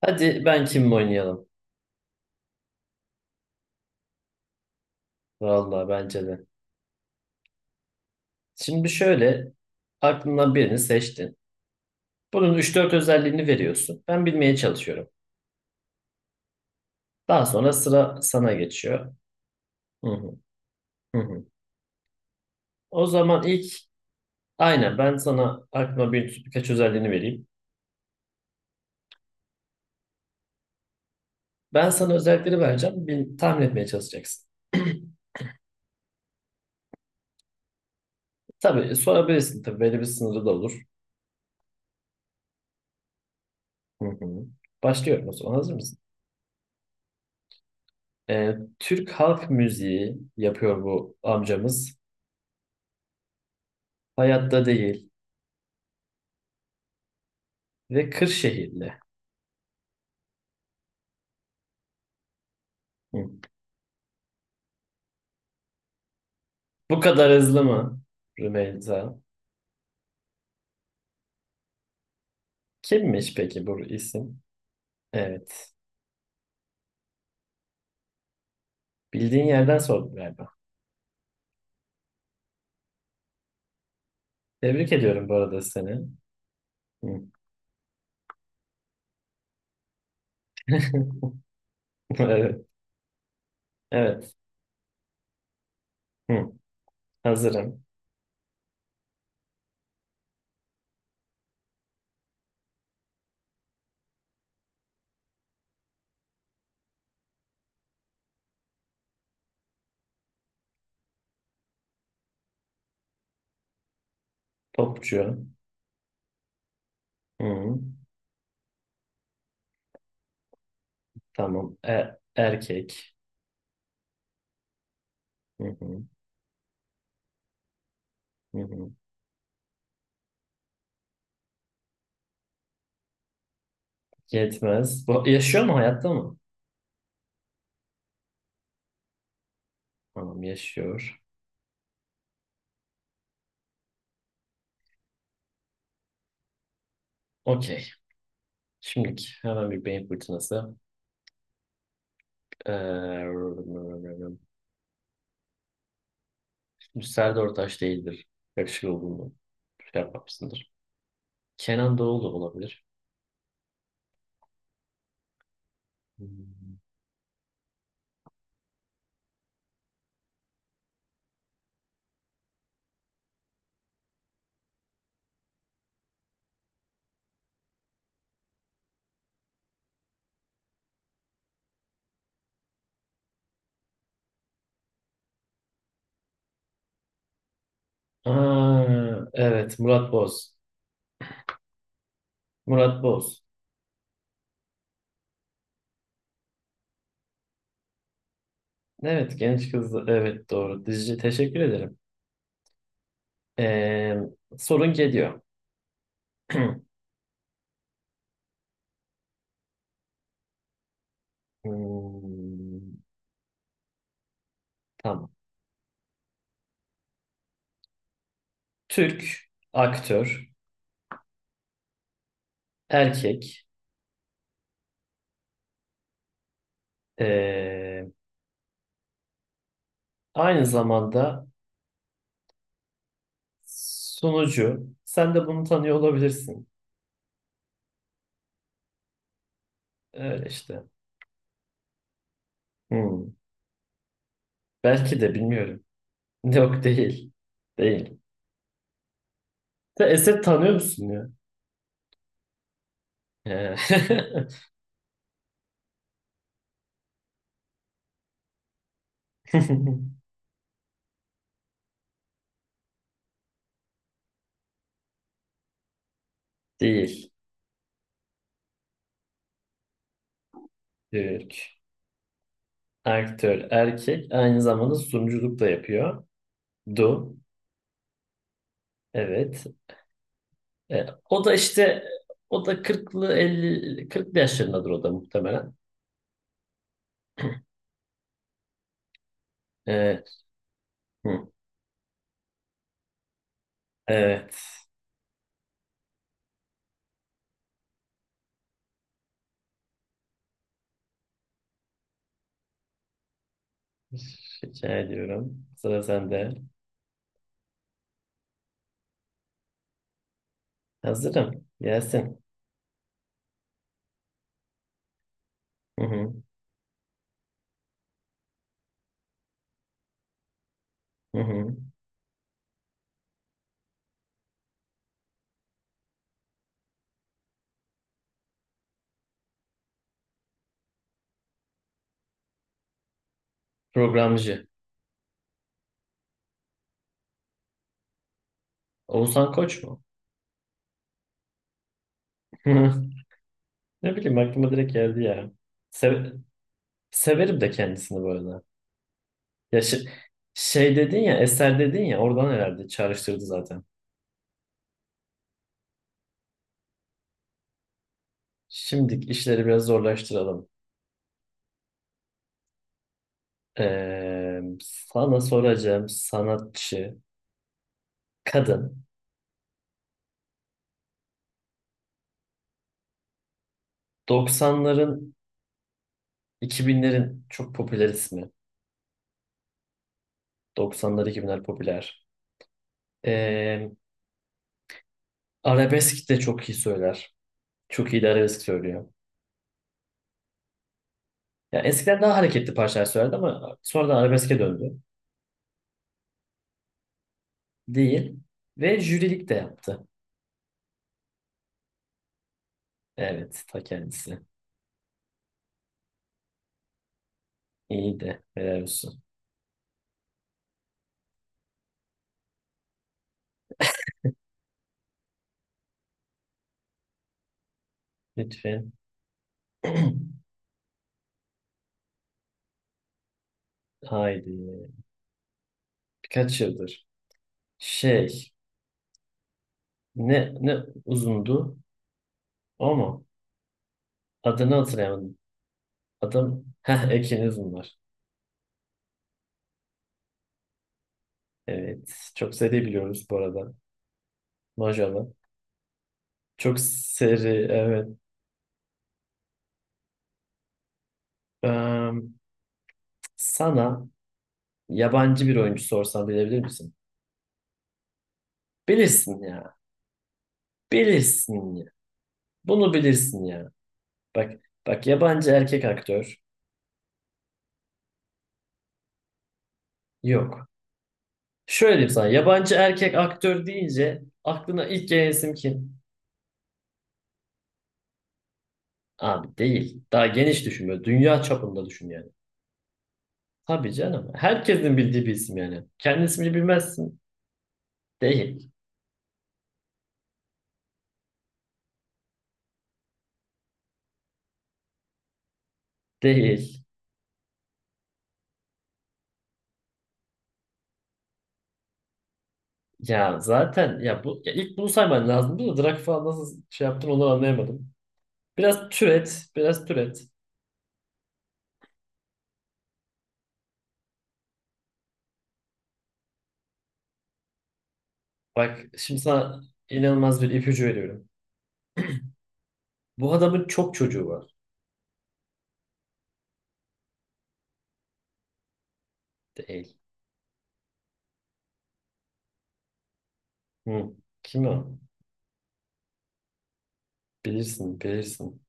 Hadi ben kim oynayalım? Vallahi bence de. Şimdi şöyle, aklından birini seçtin. Bunun üç dört özelliğini veriyorsun. Ben bilmeye çalışıyorum. Daha sonra sıra sana geçiyor. Hı hı, hı hı. O zaman ilk aynen ben sana aklıma birkaç özelliğini vereyim. Ben sana özellikleri vereceğim. Bir, tahmin etmeye çalışacaksın. Tabii sorabilirsin, tabii belli bir sınırı da olur. Hı hı. Başlıyorum o zaman, hazır mısın? Türk halk müziği yapıyor bu amcamız. Hayatta değil. Ve Kırşehirli. Hı. Bu kadar hızlı mı Rümeyza? Kimmiş peki bu isim? Evet. Bildiğin yerden sordum galiba. Tebrik ediyorum bu arada seni. Hı. Evet. Evet. Hı. Hazırım. Topçu. Hı. Tamam. Erkek. Hı hı. Hı hı. Yetmez. Bu yaşıyor mu? Hayatta mı? Tamam, yaşıyor. Okey. Şimdiki hemen bir beyin fırtınası. Ee, Serdar Ortaç değildir. Yakışıklı olduğunu şey yapmamışsındır. Kenan Doğulu olabilir. Hmm. Aa, evet Murat Boz. Murat Boz. Evet, genç kız. Evet, doğru. Dizici teşekkür ederim. Ee, sorun geliyor. Hmm, tamam. Türk, aktör, erkek, ee, aynı zamanda sunucu. Sen de bunu tanıyor olabilirsin. Öyle işte. Hmm. Belki de bilmiyorum. Yok, değil. Değil. Sen Esed tanıyor musun ya? Ee, Değil. Türk. Aktör, erkek. Aynı zamanda sunuculuk da yapıyor. Du. Evet. E, o da işte o da kırklı yaşlarındadır o da muhtemelen. E, hı, evet. Rica ediyorum. Sıra sende. Hazırım. Gelsin. Hı hı. Hı hı. Programcı. Oğuzhan Koç mu? Ne bileyim, aklıma direkt geldi ya. Sev Severim de kendisini bu arada. Ya şi- Şey dedin ya, eser dedin ya, oradan herhalde çağrıştırdı zaten. Şimdi işleri biraz zorlaştıralım. Sana soracağım sanatçı, kadın. 90'ların, 2000'lerin çok popüler ismi. 90'lar, 2000'ler popüler. Ee, arabesk de çok iyi söyler. Çok iyi de arabesk söylüyor. Ya eskiden daha hareketli parçalar söylerdi ama sonradan arabeske döndü. Değil. Ve jürilik de yaptı. Evet, ta kendisi. İyi de helal olsun. Lütfen. Haydi. Birkaç yıldır. Şey. Ne uzundu, o mu? Adını hatırlayamadım. Adam, heh, Ekin Uzunlar. Evet. Çok seri biliyoruz bu arada. Maşallah. Çok seri. Evet. Eee, sana yabancı bir oyuncu sorsam bilebilir misin? Bilirsin ya. Bilirsin ya. Bunu bilirsin ya. Bak bak, yabancı erkek aktör. Yok. Şöyle diyeyim sana. Yabancı erkek aktör deyince aklına ilk gelen isim kim? Abi değil. Daha geniş düşün böyle. Dünya çapında düşün yani. Tabii canım. Herkesin bildiği bir isim yani. Kendi ismini bilmezsin. Değil. Değil. Ya zaten ya bu, ya ilk bunu sayman lazımdı da Drak falan nasıl şey yaptın onu anlayamadım. Biraz türet. Bak, şimdi sana inanılmaz bir ipucu veriyorum. Bu adamın çok çocuğu var. Değil. Hı. Kim o? Bilirsin.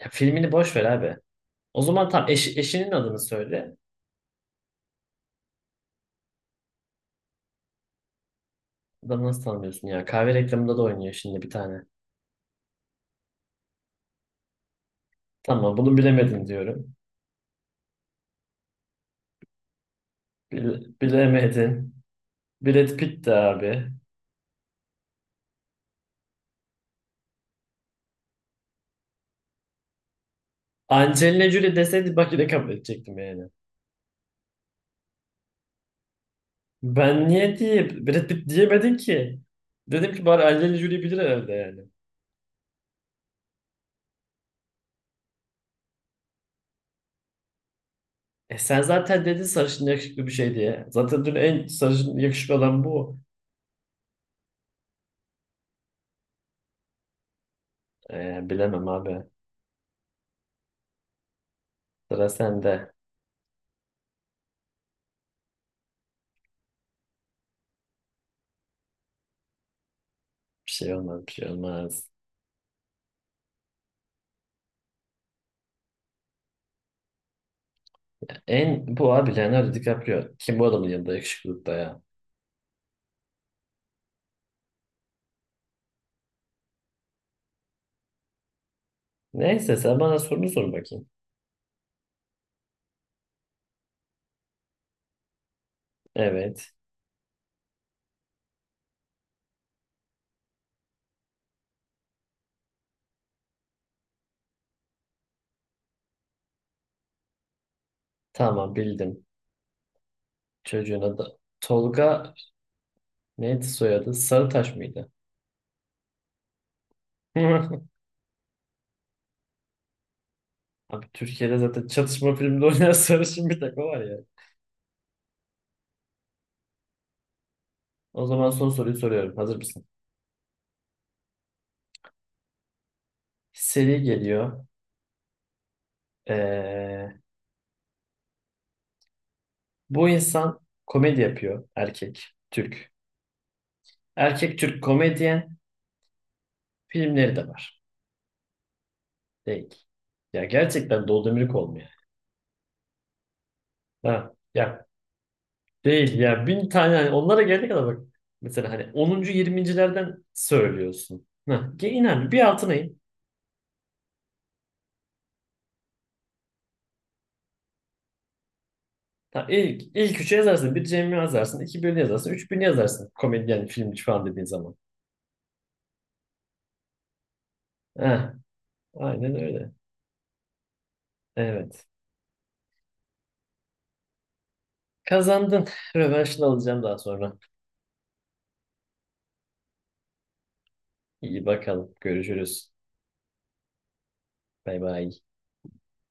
Ya filmini boş ver abi. O zaman eşinin adını söyle. Adamı nasıl tanımıyorsun ya? Kahve reklamında da oynuyor şimdi bir tane. Tamam, bunu bilemedin diyorum. Bilemedin. Brad Pitt de abi. Angelina Jolie deseydi bak yine kabul edecektim yani. Ben niye diye Brad Pitt diyemedin ki? Dedim ki bari Angelina Jolie bilir herhalde yani. E sen zaten dedin sarışın yakışıklı bir şey diye. Zaten dün en sarışın yakışıklı olan bu. E, bilemem abi. Sıra sende. Bir şey olmaz. En bu abi Leonardo DiCaprio. Kim bu adamın yanında yakışıklılıkta ya. Neyse sen bana sorunu sor bakayım. Evet. Tamam, bildim. Çocuğun adı Tolga, neydi soyadı? Sarıtaş mıydı? Abi Türkiye'de zaten çatışma filminde oynayan sarışın bir takı var ya. O zaman son soruyu soruyorum. Hazır mısın? Seri geliyor. Ee, bu insan komedi yapıyor. Erkek. Türk. Erkek Türk komedyen. Filmleri de var. Değil. Ya gerçekten Doğu Demirkol mu ya? Ha. Ya değil ya, bin tane hani onlara gelene kadar bak. Mesela hani onuncu, yirmincilerden söylüyorsun. Ha, inan bir altına in. İlk üçü yazarsın. Bir Cem'i yazarsın. İki birini yazarsın. Üç birini yazarsın. Komedyen, filmci falan dediğin zaman. Heh, aynen öyle. Evet. Kazandın. Rövanşını alacağım daha sonra. İyi bakalım. Görüşürüz. Bay bay.